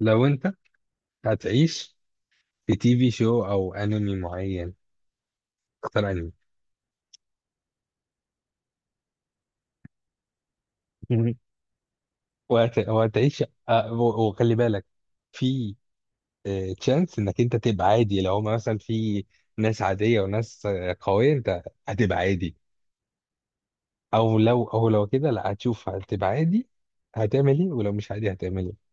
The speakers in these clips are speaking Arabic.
لو انت هتعيش في تي في شو او انمي معين، اختار انمي. وهتعيش، وخلي بالك في تشانس انك انت تبقى عادي. لو هما مثلا في ناس عادية وناس قوية، انت هتبقى عادي. او لو كده، لا هتشوف، هتبقى عادي هتعمل ايه؟ ولو مش عادي هتعمل ايه؟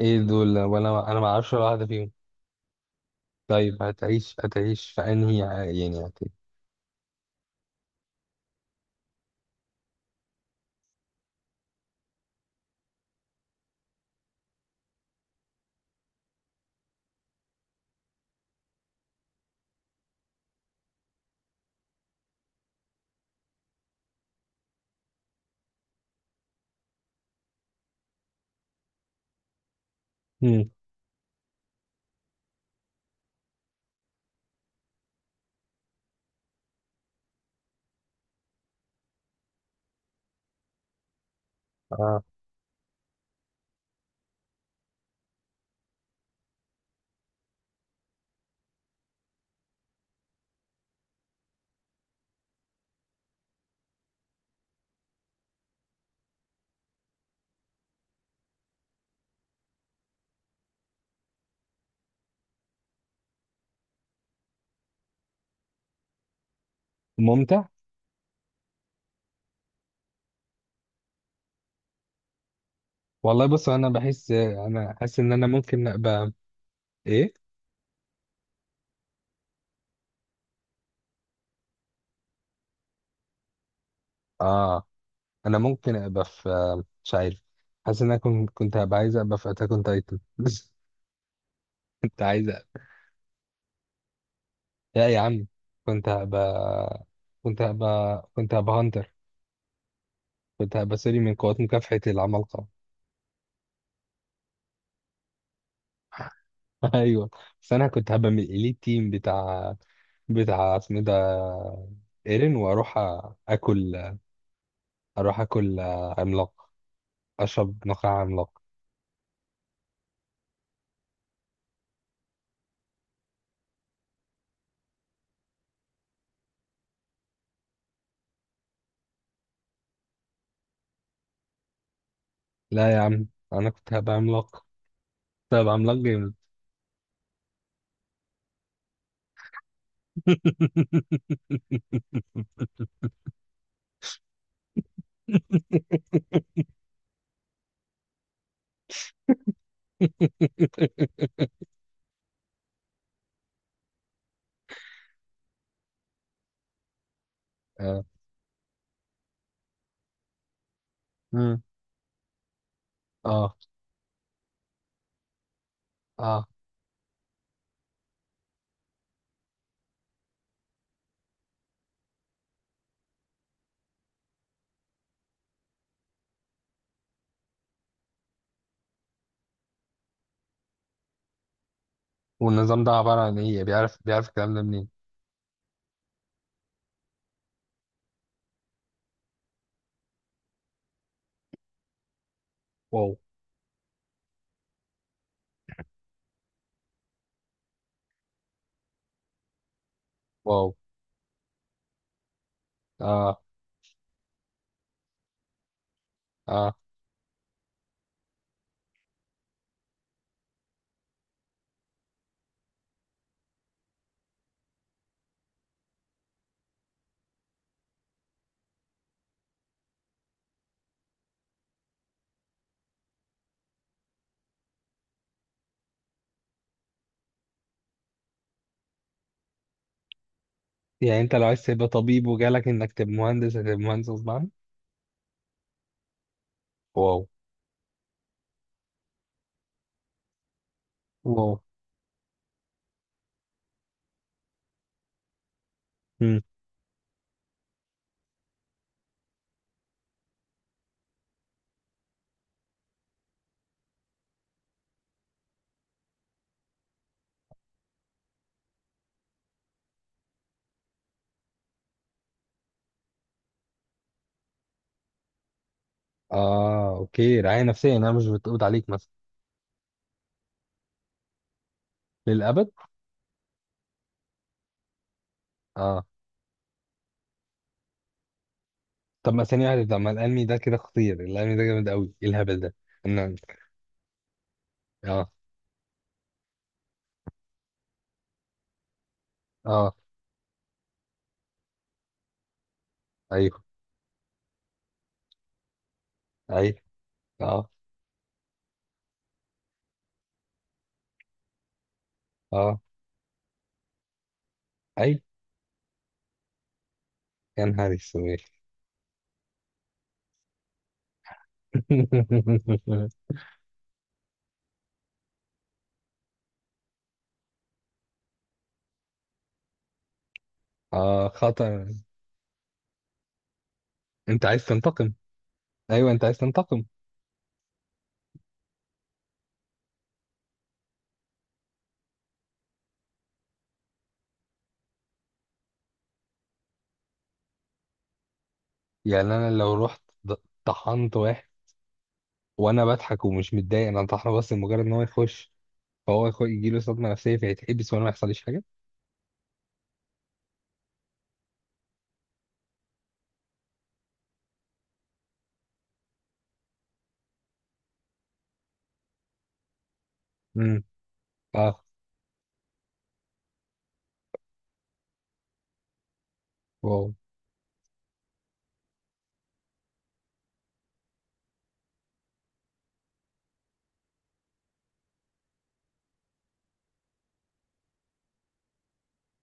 ايه دول؟ وانا ما اعرفش ولا واحدة فيهم. طيب، هتعيش في انهي يعني مم. آه. ممتع. والله بص، انا بحس انا حاسس ان انا ممكن ابقى. ايه؟ اه. انا ممكن ابقى في، مش عارف، حاسس ان انا كنت هبقى عايز ابقى في اتاك اون تايتن. كنت عايز أبقى. لا يا عم، كنت هبقى كنت هبقى هانتر. كنت هبقى سوري من قوات مكافحة العمالقة. ايوه. بس انا كنت هبقى من الاليت تيم بتاع اسمه ده، ايرين، واروح اكل. اروح اكل عملاق، اشرب نخاع عملاق. لا يا عم، انا كنت هبقى عملاق، كنت هبقى عملاق جامد. اه. مم. اه. اه. والنظام ده عبارة عن ايه؟ بيعرف الكلام ده منين؟ واو. واو. اه. اه. يعني انت لو عايز تبقى طبيب وجالك انك تبقى مهندس، هتبقى مهندس غصب عنك؟ واو. واو. مم. اه. اوكي، رعاية نفسية يعني انا مش بتقبض عليك مثلا؟ للأبد؟ اه. طب ما ثانية واحدة، طب ما الأنمي ده كده خطير، الأنمي ده جامد قوي، ايه الهبل ده؟ اه. اه. ايوه. ايوه. اه. اه. ايوه. يا نهار اسود. اه، خطر. انت عايز تنتقم. ايوه، انت عايز تنتقم. يعني انا لو رحت ض- طحنت واحد، وانا بضحك ومش متضايق انا طحنه، بس مجرد ان هو يخش، فهو يجيله صدمه نفسيه فيتحبس، وانا ما يحصليش حاجه؟ امم اه. واو.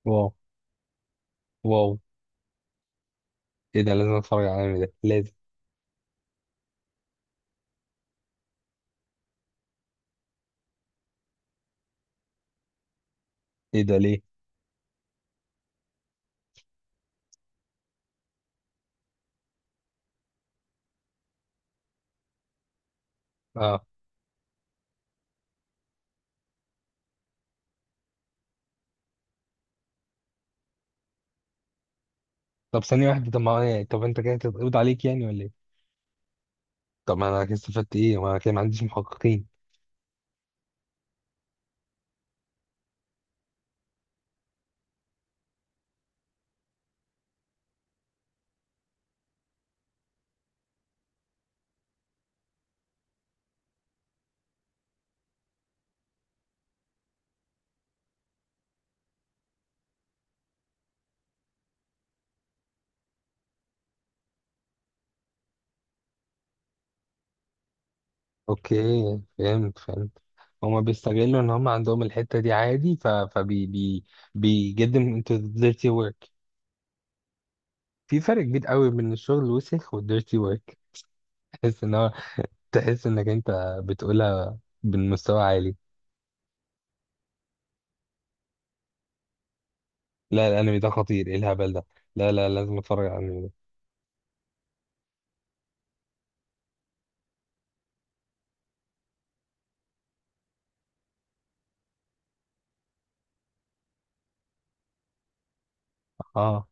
واو. واو. ايه ده، لازم اتفرج على الانمي ده، لازم. ايه ده ليه؟ اه. طب ثانيه واحده، طب ما طب انت كده تتقبض عليك يعني ولا ايه؟ طب ما انا كده استفدت ايه؟ ما انا كده ما عنديش محققين. اوكي، فهمت فهمت. هما بيستغلوا ان هما عندهم الحتة دي عادي، ف فبي بي بي get them into the dirty work. في فرق كبير قوي بين الشغل الوسخ وال dirty work. تحس ان هو، تحس انك انت بتقولها بمستوى عالي. لا الانمي ده خطير، ايه الهبل ده. لا لا، لازم اتفرج على الانمي ده. اه.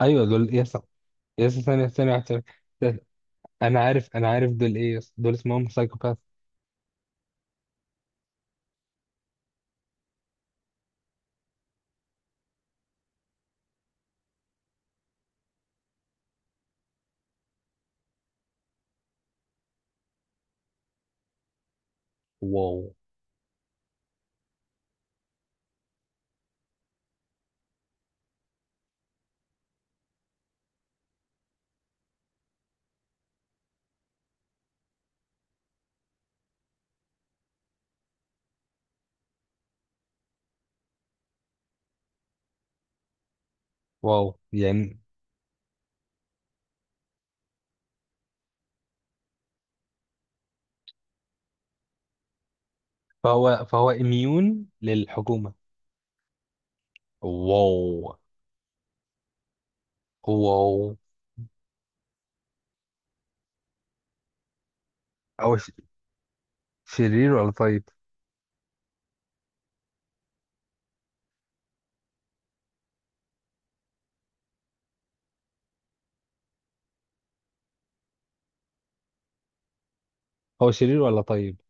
ايوه، دول يس. يس، ثانية واحدة. ده- انا عارف، انا عارف دول ايه. يس، دول اسمهم سايكوباث. واو. واو. يعني فهو اميون للحكومة. واو. واو. هو ش... شرير ولا طيب؟ هو شرير ولا طيب؟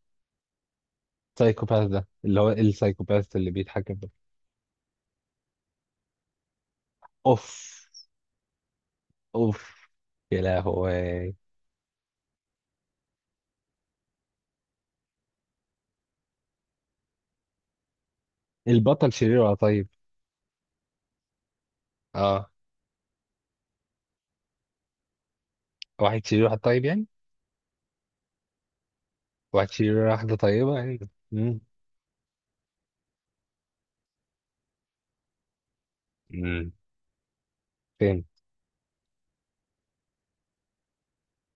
سايكوباث ده اللي هو السايكوباث اللي بيتحكم ده؟ اوف. اوف. يا لهوي. البطل شرير ولا طيب؟ اه. واحد شرير واحد طيب يعني؟ واحد شرير واحدة طيبة يعني. امم